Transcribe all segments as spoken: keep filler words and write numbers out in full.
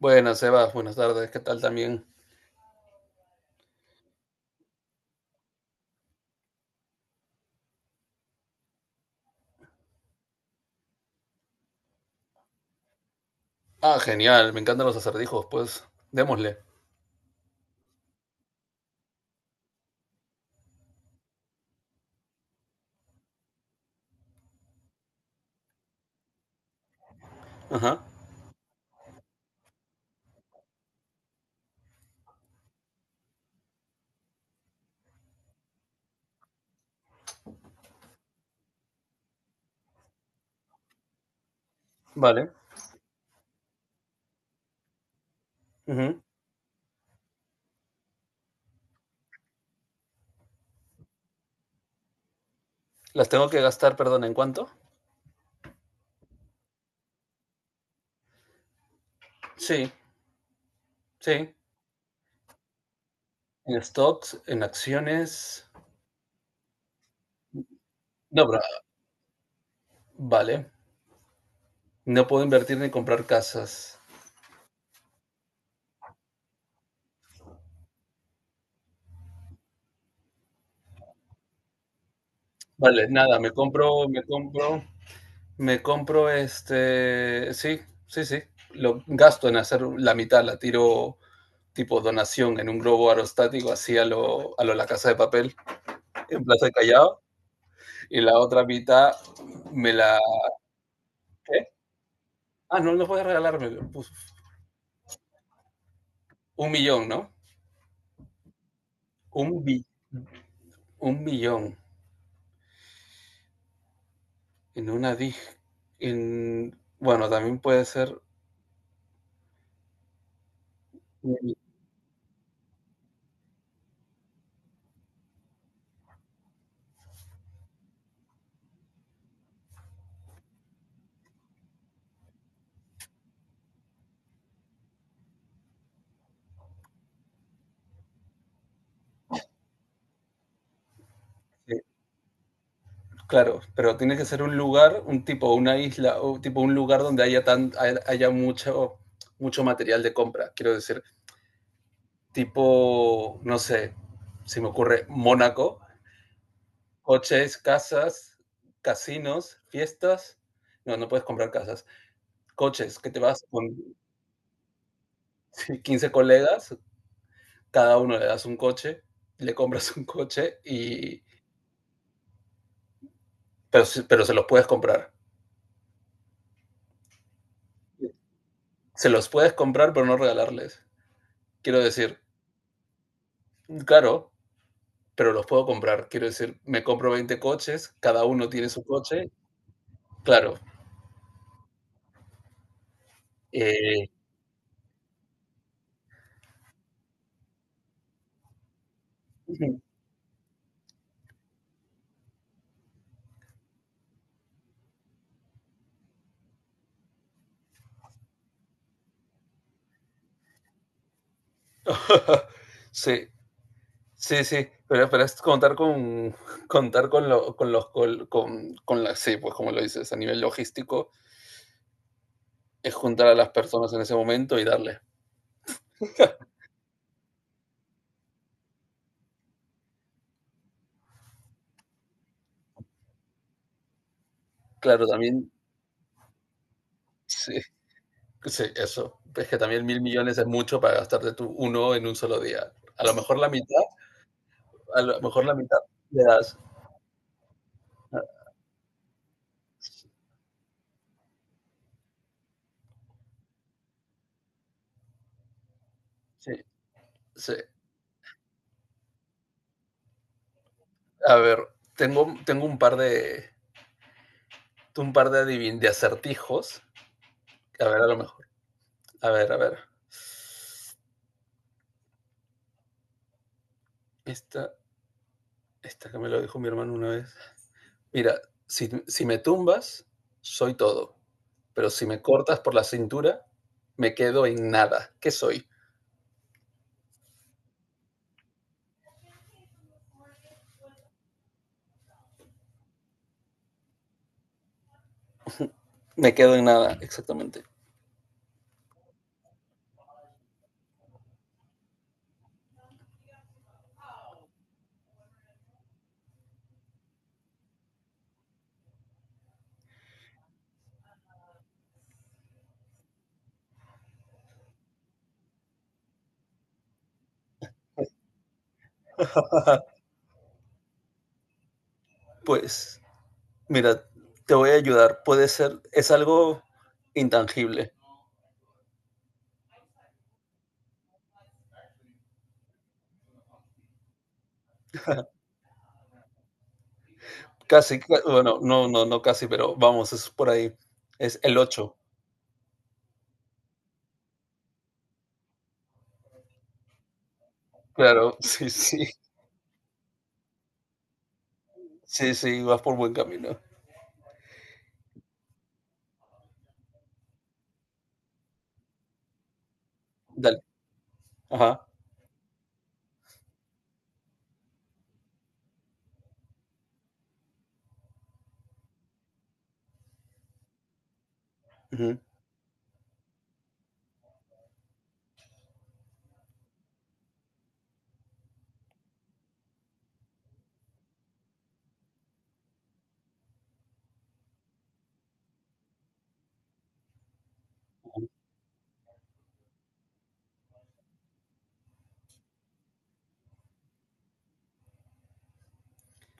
Buenas, Sebas, buenas tardes, ¿qué tal también? Ah, genial, me encantan los acertijos, pues démosle. Ajá, vale. Ujú. Las tengo que gastar, perdón, ¿en cuánto? Sí, sí. En stocks, en acciones. No, pero, vale. No puedo invertir ni comprar casas. Vale, nada, me compro, me compro, me compro este. Sí, sí, sí. Lo gasto en hacer la mitad, la tiro tipo donación en un globo aerostático, así a lo, a lo La Casa de Papel, en Plaza de Callao. Y la otra mitad me la. ¿Qué? Ah, no, no puedes regalarme. Pues, un millón, ¿no? Un, bi- un millón en una disc. En. Bueno, también puede ser. eh, Claro, pero tiene que ser un lugar, un tipo, una isla, o tipo un lugar donde haya, tan, haya mucho, mucho material de compra. Quiero decir, tipo, no sé, se me ocurre Mónaco, coches, casas, casinos, fiestas. No, no puedes comprar casas coches, que te vas con quince colegas, cada uno le das un coche, le compras un coche y pero, se- pero se los puedes comprar. Se los puedes comprar pero no regalarles. Quiero decir, claro, pero los puedo comprar. Quiero decir, me compro veinte coches, cada uno tiene su coche, claro. Eh, Ujú. sí, sí, sí, pero, pero es contar con contar con, lo, con los con, con, con la, sí, pues como lo dices, a nivel logístico, es juntar a las personas en ese momento y darles. Claro, también, sí, sí, eso. Es que también mil millones es mucho para gastarte tú uno en un solo día. A lo mejor la mitad, a lo mejor la mitad le das. Ah, sí, sí. A ver, tengo, tengo un par de, un par de adivin, de acertijos. A ver, a lo mejor. A ver, a ver. Esta, esta que me lo dijo mi hermano una vez. Mira, si, si me tumbas, soy todo. Pero si me cortas por la cintura, me quedo en nada. ¿Qué soy? Me quedo en nada, exactamente. Ajá. Pues, mira, te voy a ayudar. Puede ser, es algo intangible. Casi, bueno, no, no, no casi, pero vamos, es por ahí. Es el ocho. Claro, sí, sí. Sí, sí, vas por buen camino. Dale. Ajá. Ujú.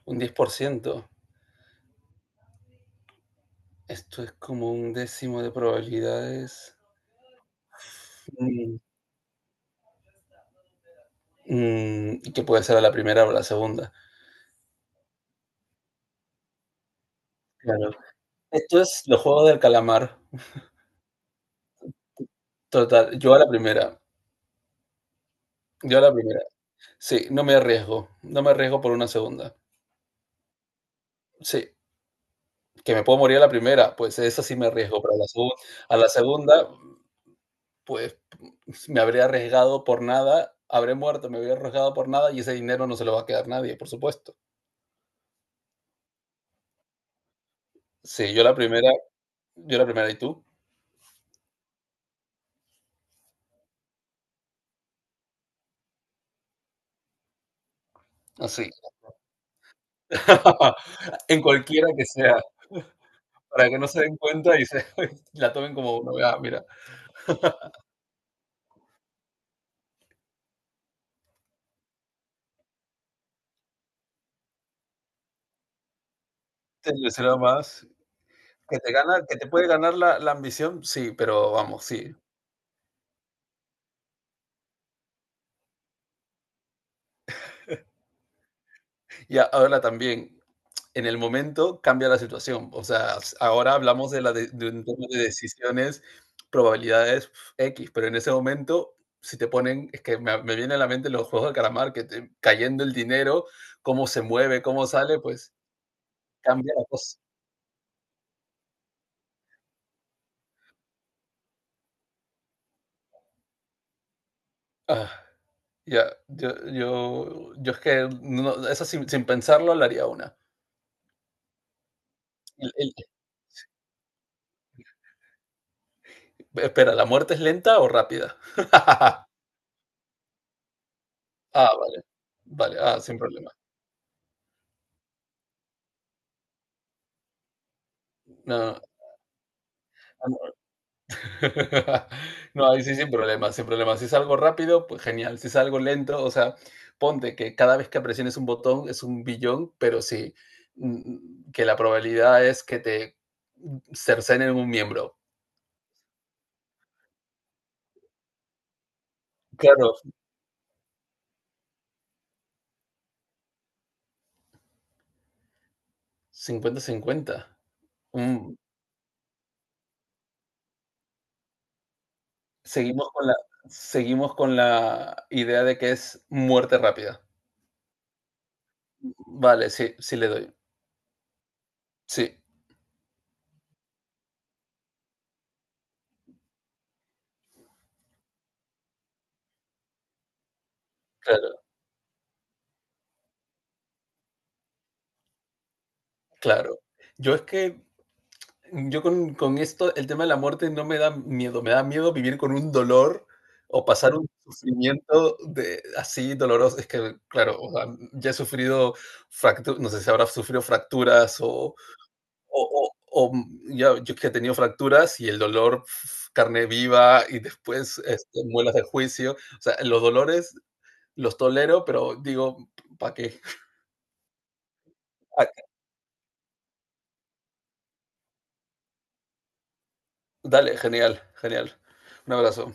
Un diez por ciento. Esto es como un décimo de probabilidades. Mm, mm, y que puede ser a la primera o a la segunda. Claro. Esto es los juegos del calamar. Total. Yo a la primera. Yo a la primera. Sí, no me arriesgo. No me arriesgo por una segunda. Sí, que me puedo morir a la primera, pues esa sí me arriesgo, pero a la, segun- a la segunda, pues me habré arriesgado por nada, habré muerto, me habré arriesgado por nada y ese dinero no se lo va a quedar nadie, por supuesto. Sí, yo la primera, yo la primera y tú. Así. En cualquiera que sea, para que no se den cuenta y se la tomen como uno. Ah, mira, te será más. Que te gana, que te puede ganar la, la ambición, sí, pero vamos, sí. Y ahora también, en el momento cambia la situación. O sea, ahora hablamos de, la de, de un tema de decisiones, probabilidades X, pero en ese momento, si te ponen, es que me, me viene a la mente los juegos de calamar, que te, cayendo el dinero, cómo se mueve, cómo sale, pues cambia la cosa. Ah, ya, yo, yo, yo es que no, no, eso sin, sin pensarlo le haría una. El- el- espera, ¿la muerte es lenta o rápida? Ah, vale, vale, ah, sin problema. No, no, No, ahí sí, sin problemas, sin problemas. Si es algo rápido, pues genial. Si es algo lento, o sea, ponte que cada vez que presiones un botón es un billón, pero sí, mm, que la probabilidad es que te cercenen un miembro. Claro, cincuenta cincuenta. Mm, Seguimos con la, seguimos con la idea de que es muerte rápida. Vale, sí, sí le doy. Sí, claro, claro. Yo es que Yo con, con esto, el tema de la muerte no me da miedo, me da miedo vivir con un dolor o pasar un sufrimiento de, así doloroso. Es que, claro, o sea, ya he sufrido fracturas, no sé si habrá sufrido fracturas o, o, o- o ya, yo que he tenido fracturas y el dolor pf, carne viva y después este, muelas de juicio. O sea, los dolores los tolero, pero digo, ¿para qué? Ah, dale, genial, genial. Un abrazo.